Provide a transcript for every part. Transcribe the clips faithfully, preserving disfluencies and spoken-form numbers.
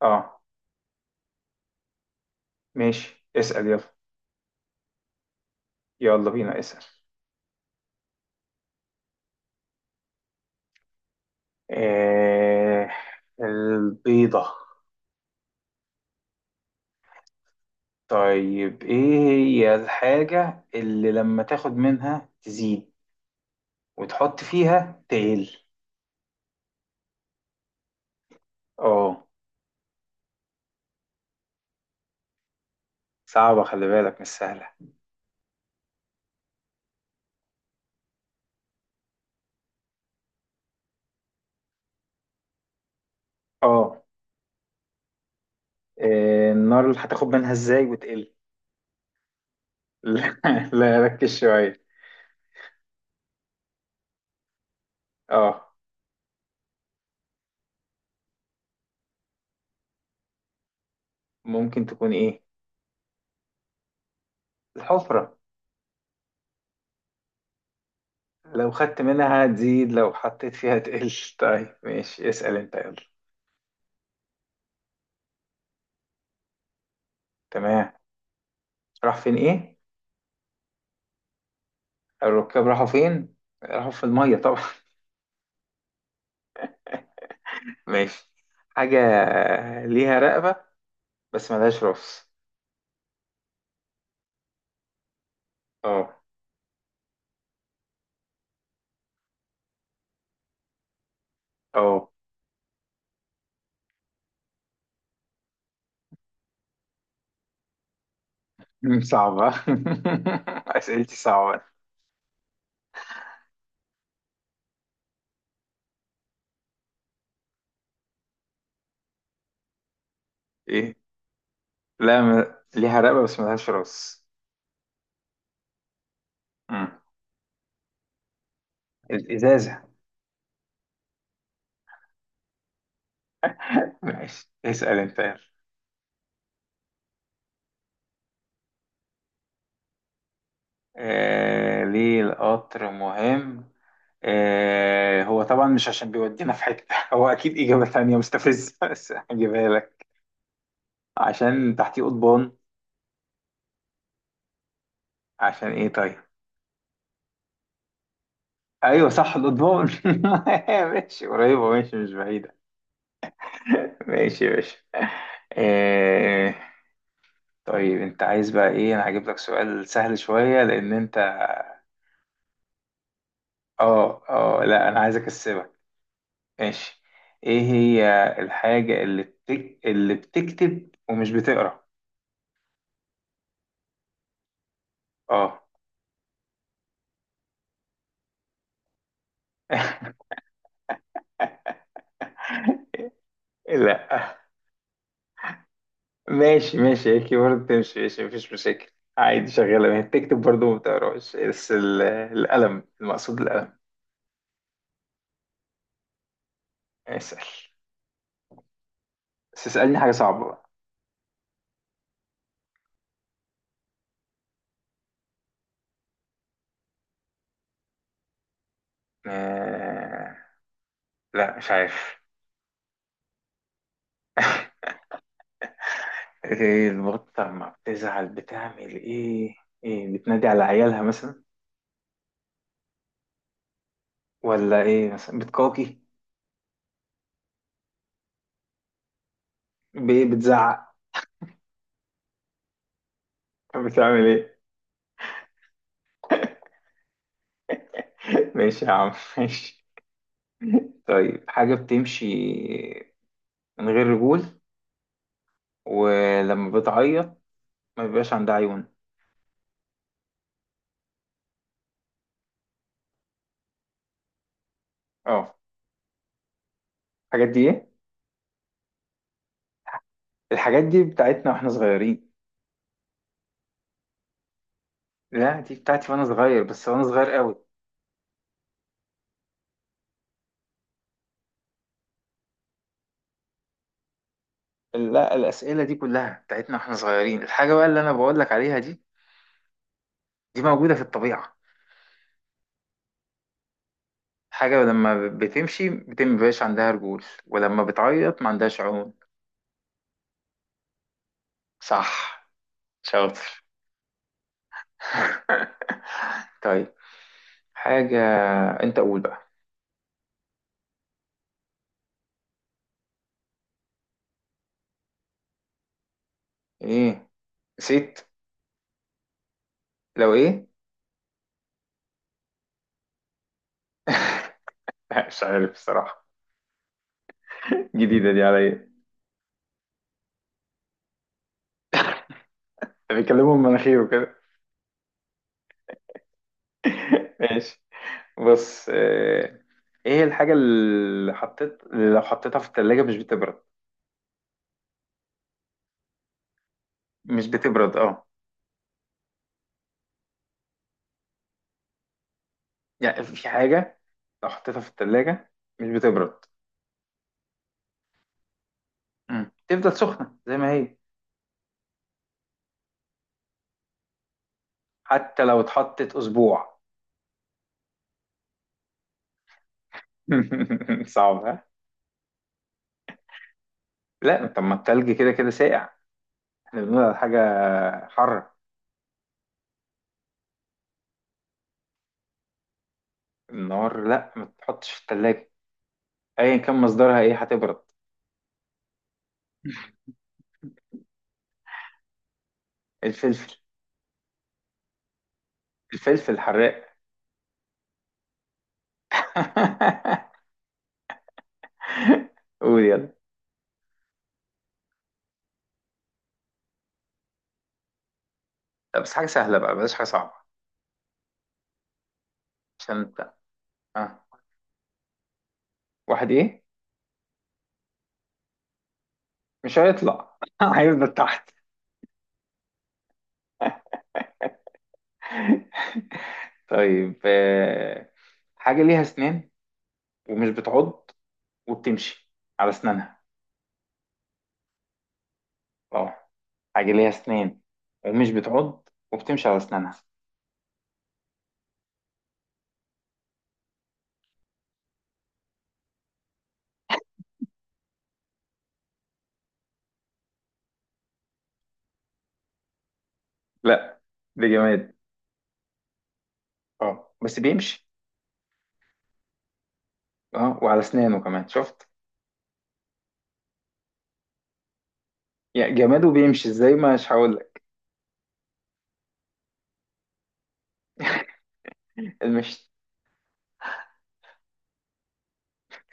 اه، ماشي، اسأل يلا. يلا بينا، اسأل. آه، البيضة. طيب، ايه هي الحاجة اللي لما تاخد منها تزيد وتحط فيها تقل؟ اه، صعبة، خلي بالك مش سهلة. اه. آه، النار اللي هتاخد منها ازاي وتقل؟ لا، لا، ركز شوية. اه. ممكن تكون ايه؟ الحفرة. لو خدت منها هتزيد، لو حطيت فيها تقل. طيب، ماشي، اسأل انت يلا. تمام. راح فين ايه؟ الركاب راحوا فين؟ راحوا في الميه طبعا. ماشي. حاجه ليها رقبه بس ملهاش راس. اه. اه. مم، صعبه. اسئلتي صعبه. ايه؟ لا، م... ليها رقبه بس ملهاش راس. مم. الازازه. ماشي، اسال انت يلا. آه... ليه القطر مهم؟ آه... هو طبعا مش عشان بيودينا في حته. هو اكيد اجابه تانية مستفزه بس هجيبها لك. عشان تحتيه قضبان. عشان ايه طيب؟ ايوه صح الاضمون. ماشي، قريبه، ماشي، مش بعيده. ماشي يا باشا. آه، طيب انت عايز بقى ايه؟ انا هجيب لك سؤال سهل شويه لان انت... اه، اه، لا، انا عايز اكسبك. ماشي. ايه هي الحاجه اللي بتك... اللي بتكتب ومش بتقرا؟ اه. لا. ماشي ماشي، هيك برضه تمشي، ماشي، مفيش مشاكل. عادي شغاله، ما هي بتكتب برضه ما بتقراش، بس ال- القلم، المقصود القلم. اسأل. بس اسألني حاجة صعبة بقى. آه... لا، مش عارف. ايه البط لما بتزعل بتعمل ايه؟ ايه بتنادي على عيالها مثلا؟ ولا ايه مثلا بتقاقي؟ بايه بتزعق؟ بتعمل ايه؟ ماشي يا عم. ماشي. طيب، حاجة بتمشي من غير رجول، ولما بتعيط ما بيبقاش عندها عيون. اه. الحاجات دي ايه؟ الحاجات دي بتاعتنا واحنا صغيرين. لا، دي بتاعتي وانا صغير، بس وانا صغير قوي. لا، الأسئلة دي كلها بتاعتنا واحنا صغيرين. الحاجة بقى اللي أنا بقول لك عليها دي، دي موجودة في الطبيعة. حاجة لما بتمشي بتم مبيبقاش عندها رجول، ولما بتعيط ما عندهاش عيون. صح. شاطر. طيب، حاجة... أنت قول بقى. إيه؟ نسيت. لو إيه؟ مش عارف الصراحة. جديدة دي عليا. بيكلموا من مناخيره كده. ماشي. بص، آه، إيه الحاجة اللي حطيت اللي لو حطيتها في التلاجة مش بتبرد؟ مش بتبرد، اه. يعني في حاجة لو حطيتها في التلاجة مش بتبرد. مم. تفضل سخنة زي ما هي. حتى لو اتحطت أسبوع. صعب، ها؟ لا، طب ما التلج كده كده ساقع. احنا بنقول على حاجة حرة. النار؟ لا، ما تتحطش في التلاجة أيا كان مصدرها، ايه هتبرد. الفلفل. الفلفل الحراق. قول يلا. لا، بس حاجة سهلة بقى، بلاش حاجة صعبة، عشان انت. اه. واحد ايه؟ مش هيطلع، هيفضل تحت. طيب، آه، حاجة ليها أسنان ومش بتعض وبتمشي على أسنانها. اه. حاجة ليها أسنان ومش بتعض وبتمشي على أسنانها. لا، ده جماد. اه بس بيمشي. اه، وعلى أسنانه كمان، شفت. يا جماد وبيمشي ازاي؟ مش هقول لك. المشي.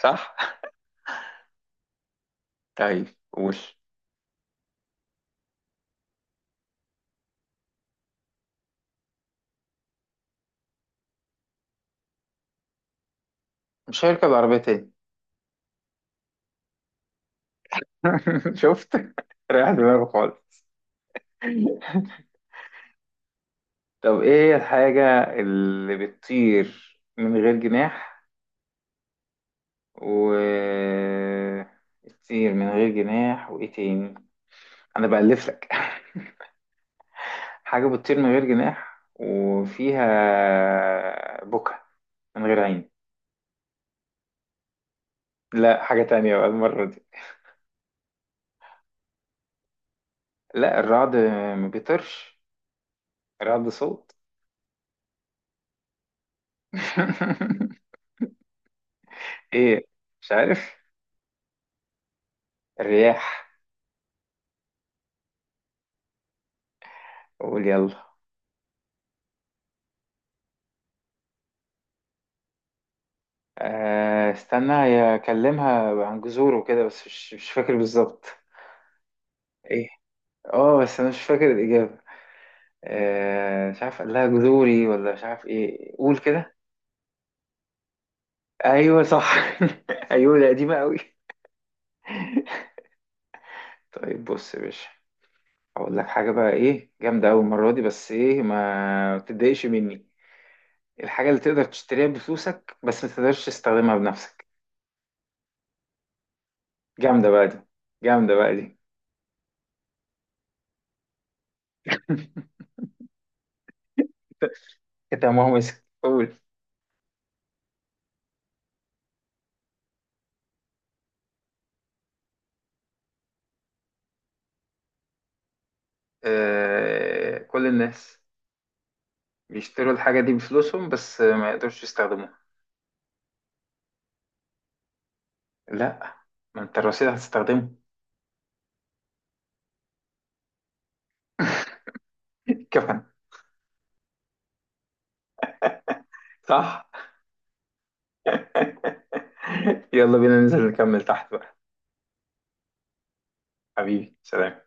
صح. طيب قول. مش هيركب عربية تاني. شفت. ريح دماغه خالص. طب ايه هي الحاجة اللي بتطير من غير جناح؟ و... الطير من غير جناح وايه تاني، انا بألف لك. حاجة بتطير من غير جناح وفيها بكا من غير عين. لا، حاجة تانية بقى المرة دي. لا، الرعد ما بيطيرش، الرعد صوت. ايه؟ مش عارف. الرياح. قول يلا. آه، استنى هي اكلمها عن جذوره كده، بس مش مش فاكر بالظبط. ايه؟ اه بس انا مش فاكر الإجابة. آه، مش عارف، قال لها جذوري ولا مش عارف ايه، قول كده. ايوه صح. ايوه ده قديمه قوي. طيب، بص يا باشا، هقول لك حاجه بقى ايه جامده أوي المره دي، بس ايه ما تتضايقش مني. الحاجه اللي تقدر تشتريها بفلوسك بس ما تقدرش تستخدمها بنفسك. جامده بقى دي. جامده بقى دي. كده ما هو مسك، قول. آه، كل الناس بيشتروا الحاجه دي بفلوسهم بس ما يقدرش يستخدموها. لا. ما انت الرصيد هتستخدمه. كفن. صح. يلا بينا ننزل نكمل تحت بقى. حبيبي سلام.